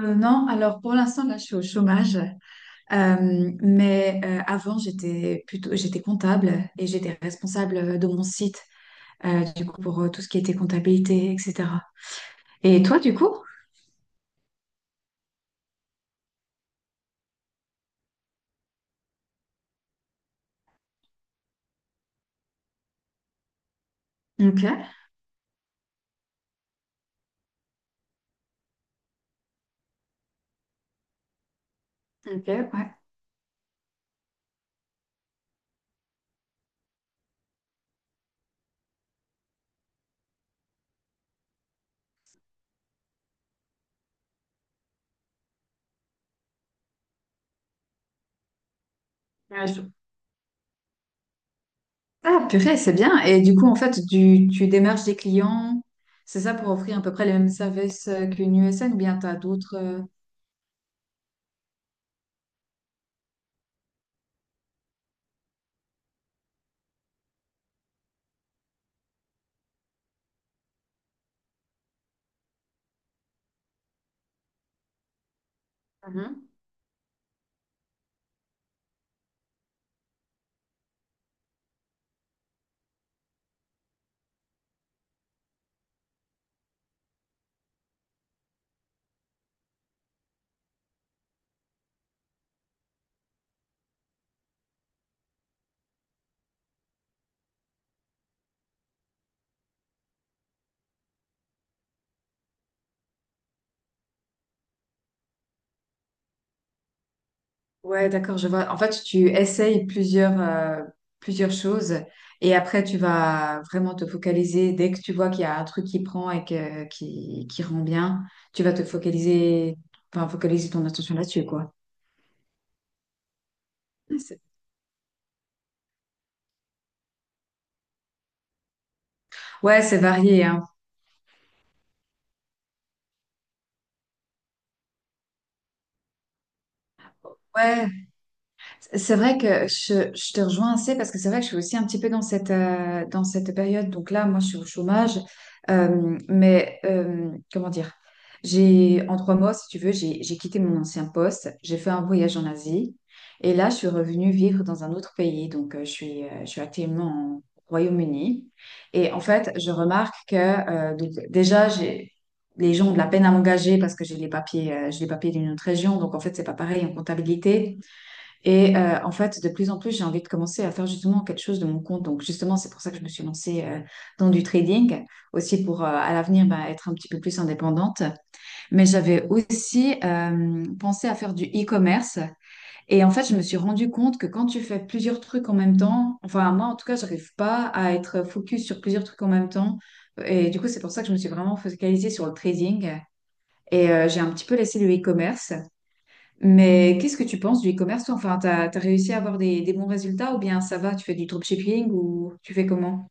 Non, alors pour l'instant, là, je suis au chômage. Mais avant, j'étais comptable et j'étais responsable de mon site, du coup, pour tout ce qui était comptabilité, etc. Et toi, du coup? Ok, ok, ouais. Ouais. Ah, purée, c'est bien. Et du coup, en fait, tu démarches des clients, c'est ça pour offrir à peu près les mêmes services qu'une USN ou bien tu as d'autres... euh, Ouais, d'accord, je vois. En fait, tu essayes plusieurs choses et après, tu vas vraiment te focaliser. Dès que tu vois qu'il y a un truc qui prend et qui rend bien, tu vas te focaliser, enfin, focaliser ton attention là-dessus, quoi. Ouais, c'est varié, hein. Ouais, c'est vrai que je te rejoins assez parce que c'est vrai que je suis aussi un petit peu dans cette période. Donc là, moi, je suis au chômage. Mais comment dire? En 3 mois, si tu veux, j'ai quitté mon ancien poste. J'ai fait un voyage en Asie. Et là, je suis revenue vivre dans un autre pays. Donc, je suis actuellement au Royaume-Uni. Et en fait, je remarque que. Donc déjà, les gens ont de la peine à m'engager parce que j'ai les papiers d'une autre région. Donc, en fait, c'est pas pareil en comptabilité. Et en fait, de plus en plus, j'ai envie de commencer à faire justement quelque chose de mon compte. Donc, justement, c'est pour ça que je me suis lancée dans du trading, aussi pour à l'avenir bah, être un petit peu plus indépendante. Mais j'avais aussi pensé à faire du e-commerce. Et en fait, je me suis rendu compte que quand tu fais plusieurs trucs en même temps, enfin, moi en tout cas, j'arrive pas à être focus sur plusieurs trucs en même temps. Et du coup, c'est pour ça que je me suis vraiment focalisée sur le trading. Et j'ai un petit peu laissé le e-commerce. Mais qu'est-ce que tu penses du e-commerce, toi? Enfin, t'as réussi à avoir des bons résultats ou bien ça va, tu fais du dropshipping ou tu fais comment?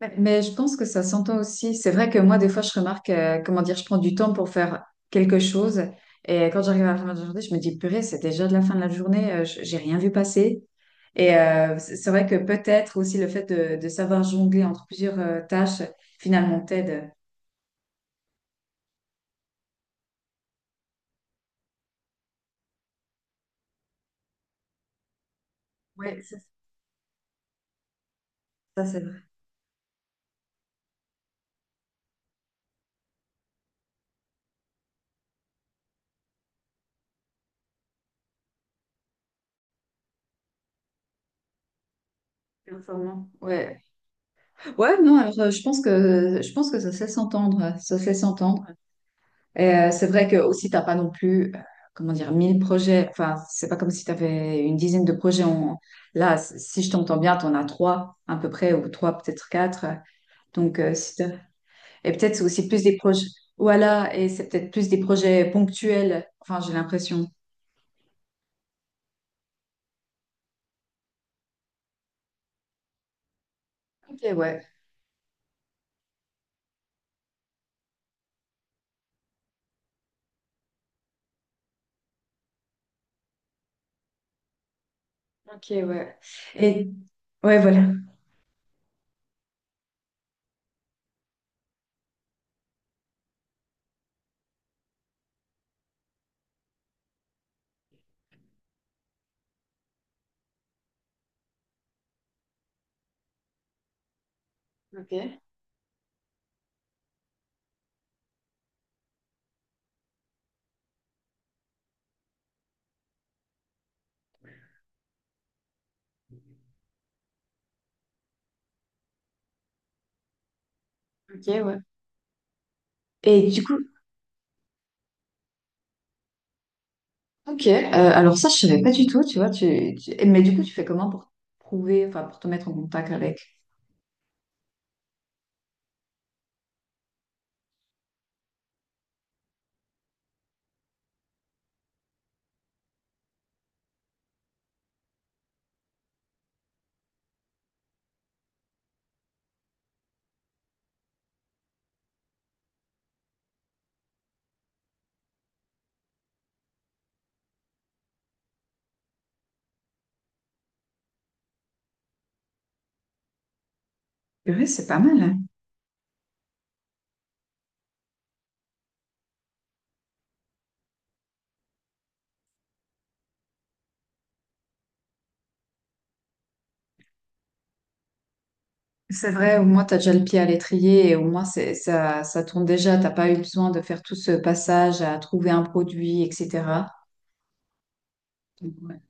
Mais je pense que ça s'entend aussi. C'est vrai que moi, des fois, je remarque, comment dire, je prends du temps pour faire quelque chose. Et quand j'arrive à la fin de la journée, je me dis, purée, c'est déjà de la fin de la journée, j'ai rien vu passer. Et c'est vrai que peut-être aussi le fait de savoir jongler entre plusieurs tâches, finalement, t'aide. Ouais, ça, c'est vrai. Performant. Ouais. Ouais, non, alors, je pense que ça se laisse entendre, ça se laisse entendre. Et c'est vrai que aussi t'as pas non plus, comment dire, 1000 projets. Enfin, c'est pas comme si tu avais une dizaine de projets. En... Là, si je t'entends bien, t'en as trois à peu près ou trois peut-être quatre. Donc, si t'as- et peut-être c'est aussi plus des projets. Voilà, et c'est peut-être plus des projets ponctuels. Enfin, j'ai l'impression. Ok, ouais. Ok, ouais. Et ouais, voilà. Ok, ok, ouais. Et du coup. Ok, alors ça, je savais pas du tout, tu vois. Mais du coup, tu fais comment pour prouver, enfin, pour te mettre en contact avec? Purée, c'est pas mal, hein. C'est vrai, au moins, t'as déjà le pied à l'étrier et au moins, ça, ça tourne déjà. T'as pas eu besoin de faire tout ce passage à trouver un produit, etc. Donc. Ouais.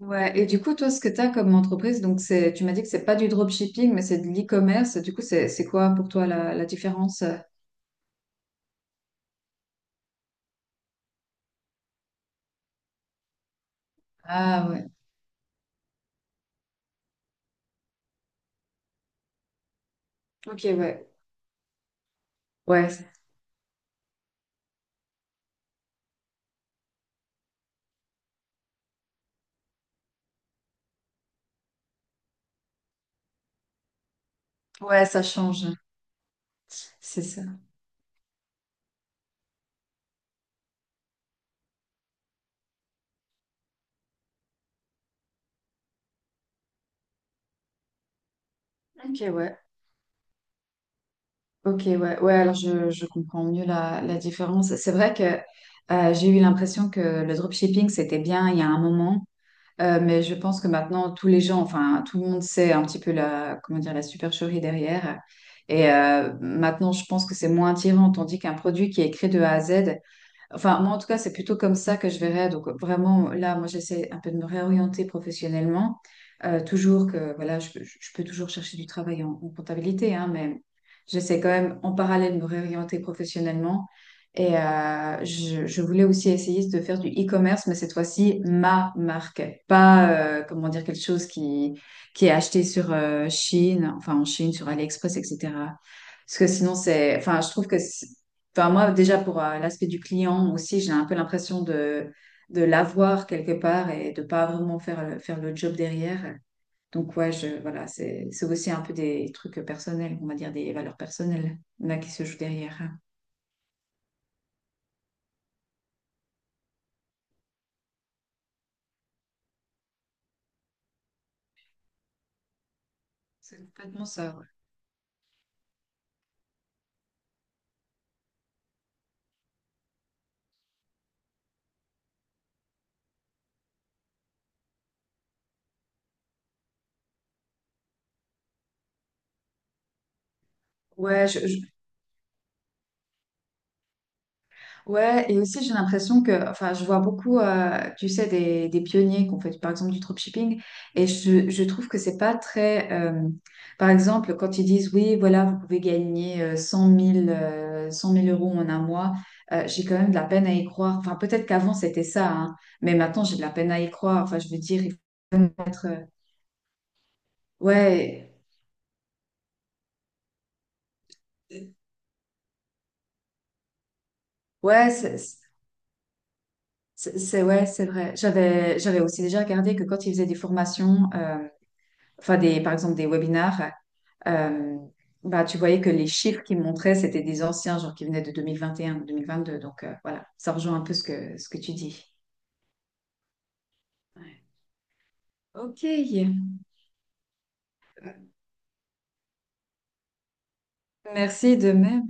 Ouais, et du coup, toi, ce que tu as comme entreprise, tu m'as dit que c'est pas du dropshipping, mais c'est de l'e-commerce. Du coup, c'est quoi pour toi la différence? Ah ouais, ok, ouais. Ouais, ouais, ça change. C'est ça. Ok, ouais. Ok, ouais, ouais, alors je comprends mieux la différence. C'est vrai que j'ai eu l'impression que le dropshipping, c'était bien il y a un moment, mais je pense que maintenant, tous les gens, enfin, tout le monde sait un petit peu comment dire, la supercherie derrière. Et maintenant, je pense que c'est moins attirant, tandis qu'un produit qui est créé de A à Z. Enfin, moi, en tout cas, c'est plutôt comme ça que je verrais. Donc, vraiment, là, moi, j'essaie un peu de me réorienter professionnellement. Toujours que, voilà, je peux toujours chercher du travail en comptabilité, hein, mais j'essaie quand même en parallèle de me réorienter professionnellement. Et je voulais aussi essayer de faire du e-commerce, mais cette fois-ci, ma marque. Pas, comment dire, quelque chose qui est acheté sur Chine, enfin en Chine, sur AliExpress, etc. Parce que sinon, enfin, je trouve que. Enfin, moi, déjà, pour l'aspect du client aussi, j'ai un peu l'impression de l'avoir quelque part et de pas vraiment faire faire le job derrière. Donc, ouais, voilà, c'est aussi un peu des trucs personnels, on va dire des valeurs personnelles là, qui se jouent derrière. C'est complètement ça. Ouais. Ouais. Ouais, et aussi j'ai l'impression que, enfin, je vois beaucoup, tu sais, des pionniers qui ont fait par exemple du dropshipping, et je trouve que c'est pas très, par exemple, quand ils disent oui, voilà, vous pouvez gagner 100 000 euros en un mois, j'ai quand même de la peine à y croire. Enfin, peut-être qu'avant c'était ça, hein, mais maintenant j'ai de la peine à y croire. Enfin, je veux dire, il faut être, ouais. Ouais, ouais, c'est vrai. J'avais aussi déjà regardé que quand ils faisaient des formations, enfin des, par exemple des webinars. Euh, Bah, tu voyais que les chiffres qu'ils montraient, c'était des anciens, genre qui venaient de 2021 ou 2022. Donc voilà, ça rejoint un peu ce que tu dis. Ouais. Ok, merci de même.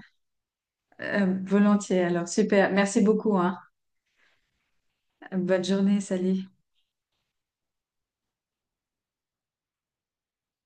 Volontiers, alors super. Merci beaucoup, hein. Bonne journée, salut.